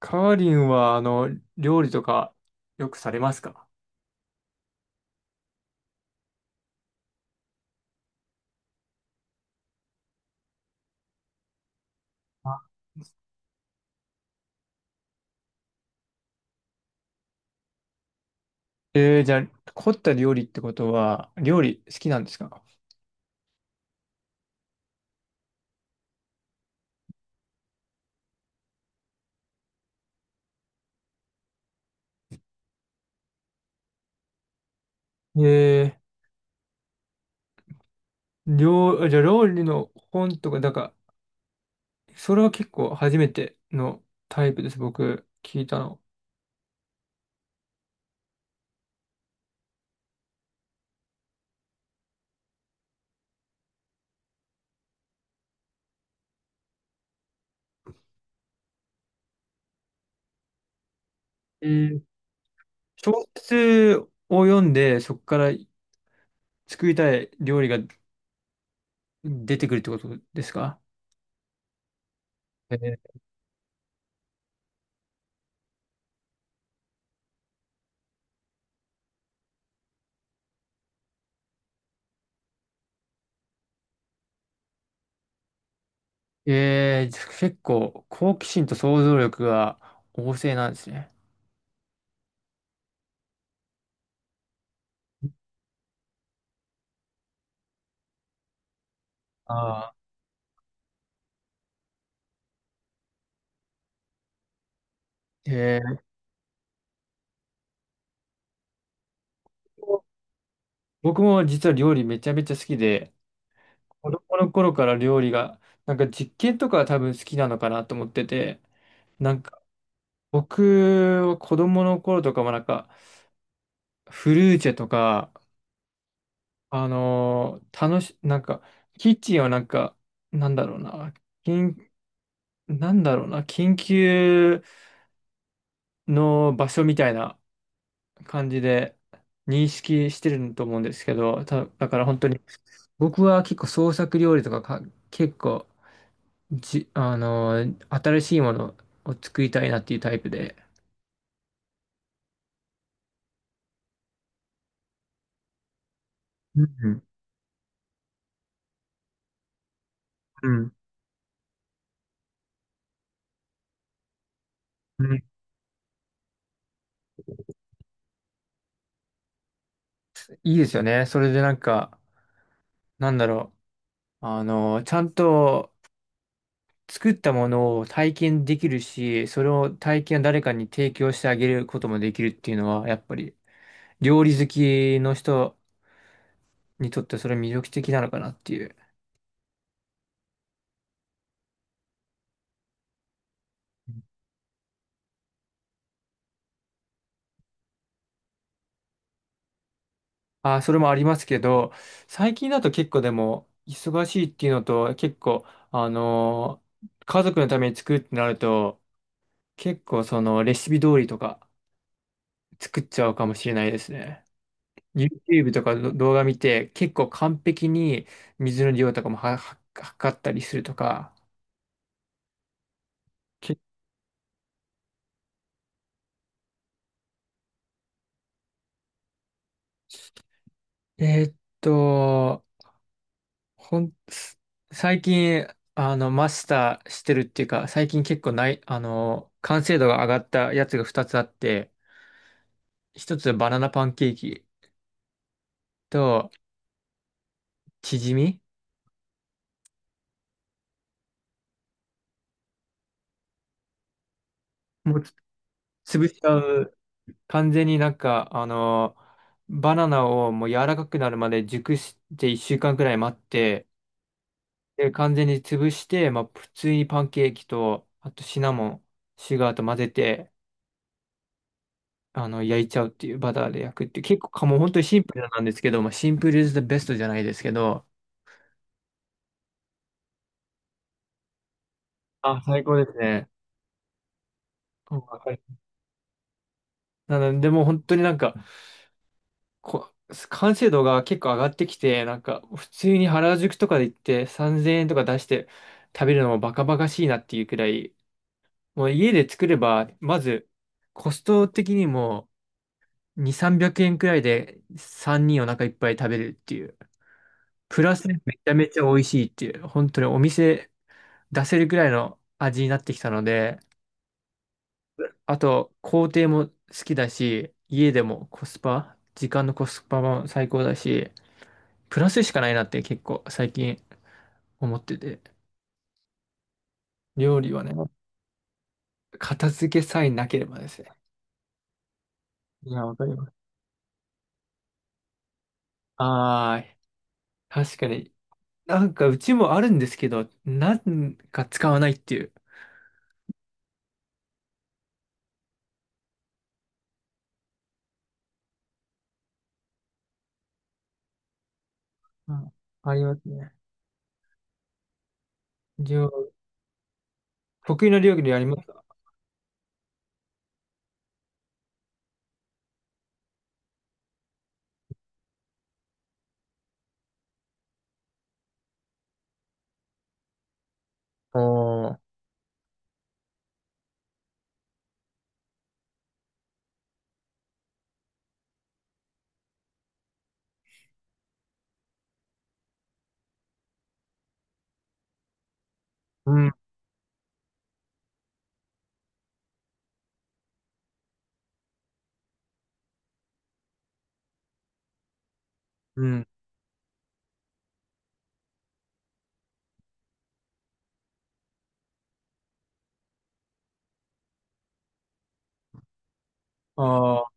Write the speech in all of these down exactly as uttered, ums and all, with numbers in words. カーリンは、あの、料理とかよくされますか？あえー、じゃあ、凝った料理ってことは、料理好きなんですか？えー、料、じゃあ料理の本とか、だから、それは結構初めてのタイプです、僕、聞いたの。えー、小説を読んで、そこから作りたい料理が出てくるってことですか？えー、えー結構、好奇心と想像力が旺盛なんですね。ああ。えー僕も実は料理めちゃめちゃ好きで、子供の頃から料理が、なんか実験とかは多分好きなのかなと思ってて、なんか僕は子供の頃とかもなんかフルーチェとか、あのー楽し、なんかキッチンをなんか、なんだろうな、緊、なんだろうな、緊急の場所みたいな感じで認識してると思うんですけど、た、だから本当に僕は結構創作料理とかか結構じ、あの、新しいものを作りたいなっていうタイプで。うん、うん、うん。いいですよね。それでなんか、なんだろう。あの、ちゃんと作ったものを体験できるし、それを体験を誰かに提供してあげることもできるっていうのは、やっぱり料理好きの人にとってそれ魅力的なのかなっていう。あ、それもありますけど、最近だと結構でも忙しいっていうのと、結構、あの、家族のために作るってなると、結構そのレシピ通りとか作っちゃうかもしれないですね。YouTube とかの動画見て結構完璧に水の量とかもはは測ったりするとか。けえーっと、ほん、す最近あのマスターしてるっていうか最近結構ない、あの、完成度が上がったやつがふたつあって、ひとつはバナナパンケーキとチヂミ。もうつ潰しちゃう。完全になんか、あのーバナナをもう柔らかくなるまで熟していっしゅうかんくらい待って、で、完全に潰して、まあ、普通にパンケーキと、あとシナモン、シュガーと混ぜて、あの、焼いちゃうっていう、バターで焼くっていう、結構かもう本当にシンプルなんですけど、まあ、シンプル is the best じゃないですけど、あ、最高ですね。うん、わかる。なので、でもう本当になんか、こ、完成度が結構上がってきて、なんか普通に原宿とかで行ってさんぜんえんとか出して食べるのもバカバカしいなっていうくらい、もう家で作れば、まずコスト的にもに、300円くえんくらいでさんにんお腹いっぱい食べるっていう、プラスめちゃめちゃ美味しいっていう、本当にお店出せるくらいの味になってきたので、あと工程も好きだし、家でもコスパ、時間のコスパも最高だし、プラスしかないなって結構最近思ってて。料理はね、片付けさえなければですね。いや、わかります。ああ、確かに。なんかうちもあるんですけど、なんか使わないっていう。うん、ありますね。料得意な料理ありますか？おー、うん、うん。あ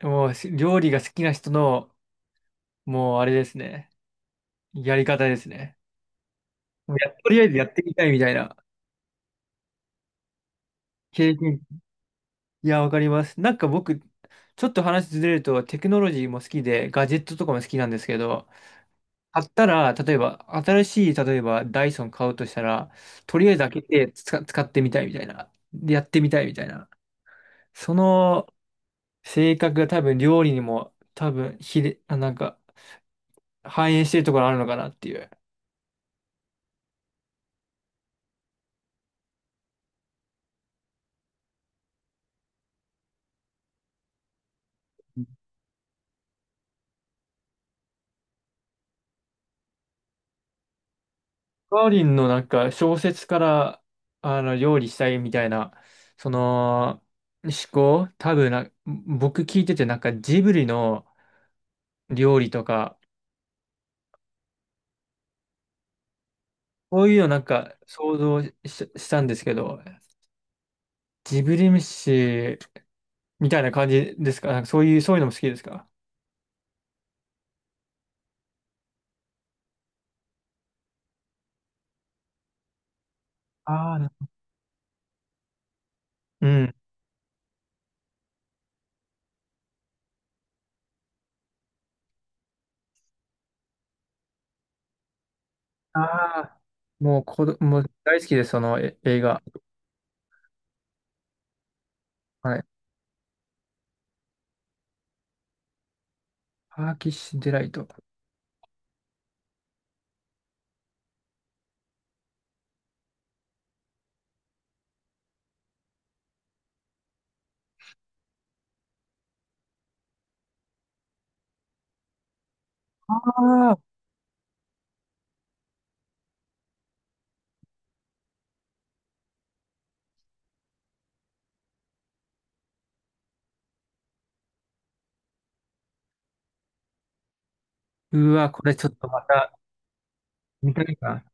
あ、もうし料理が好きな人の、もうあれですね。やり方ですね。もうや、とりあえずやってみたいみたいな。経験、いや、わかります。なんか僕、ちょっと話ずれると、テクノロジーも好きで、ガジェットとかも好きなんですけど、買ったら、例えば、新しい、例えば、ダイソン買うとしたら、とりあえず開けて使、使ってみたいみたいな、でやってみたいみたいな、その性格が多分、料理にも、多分、ひれ、あ、なんか、反映してるところあるのかなっていう。カーリンのなんか、小説から、あの、料理したいみたいな、その、思考、多分な、僕聞いてて、なんかジブリの、料理とか、そういうのなんか想像し、したんですけど、ジブリ飯みたいな感じですか？なんかそういう、そういうのも好きですか？あー、うん。ああ、もう子ど、もう大好きです、そのえ映画。はい。パーキッシュデライト。ああ、うわ、これちょっとまた見たいな。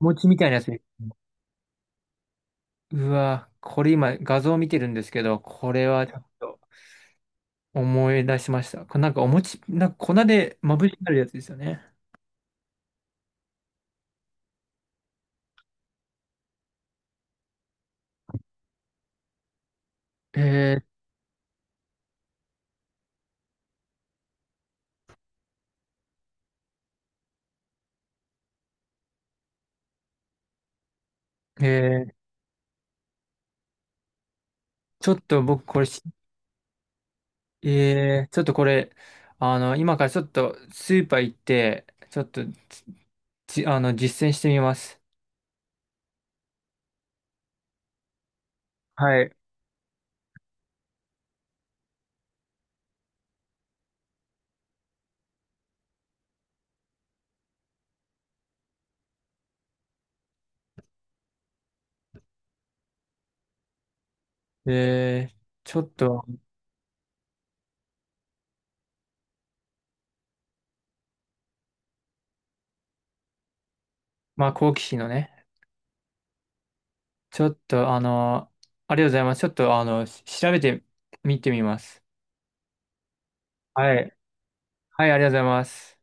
餅みたいなやつ。うわ、これ今画像見てるんですけど、これはちょっと思い出しました。これなんかお餅、なんか粉でまぶしてあるやつですよね。えー、えーちょっと僕これし、えー、ちょっとこれ、あの、今からちょっとスーパー行って、ちょっとじ、あの、実践してみます。はい。えー、ちょっと、まあ、好奇心のね、ちょっと、あの、ありがとうございます。ちょっと、あの、し調べてみてみます。はい。はい、ありがとうございます。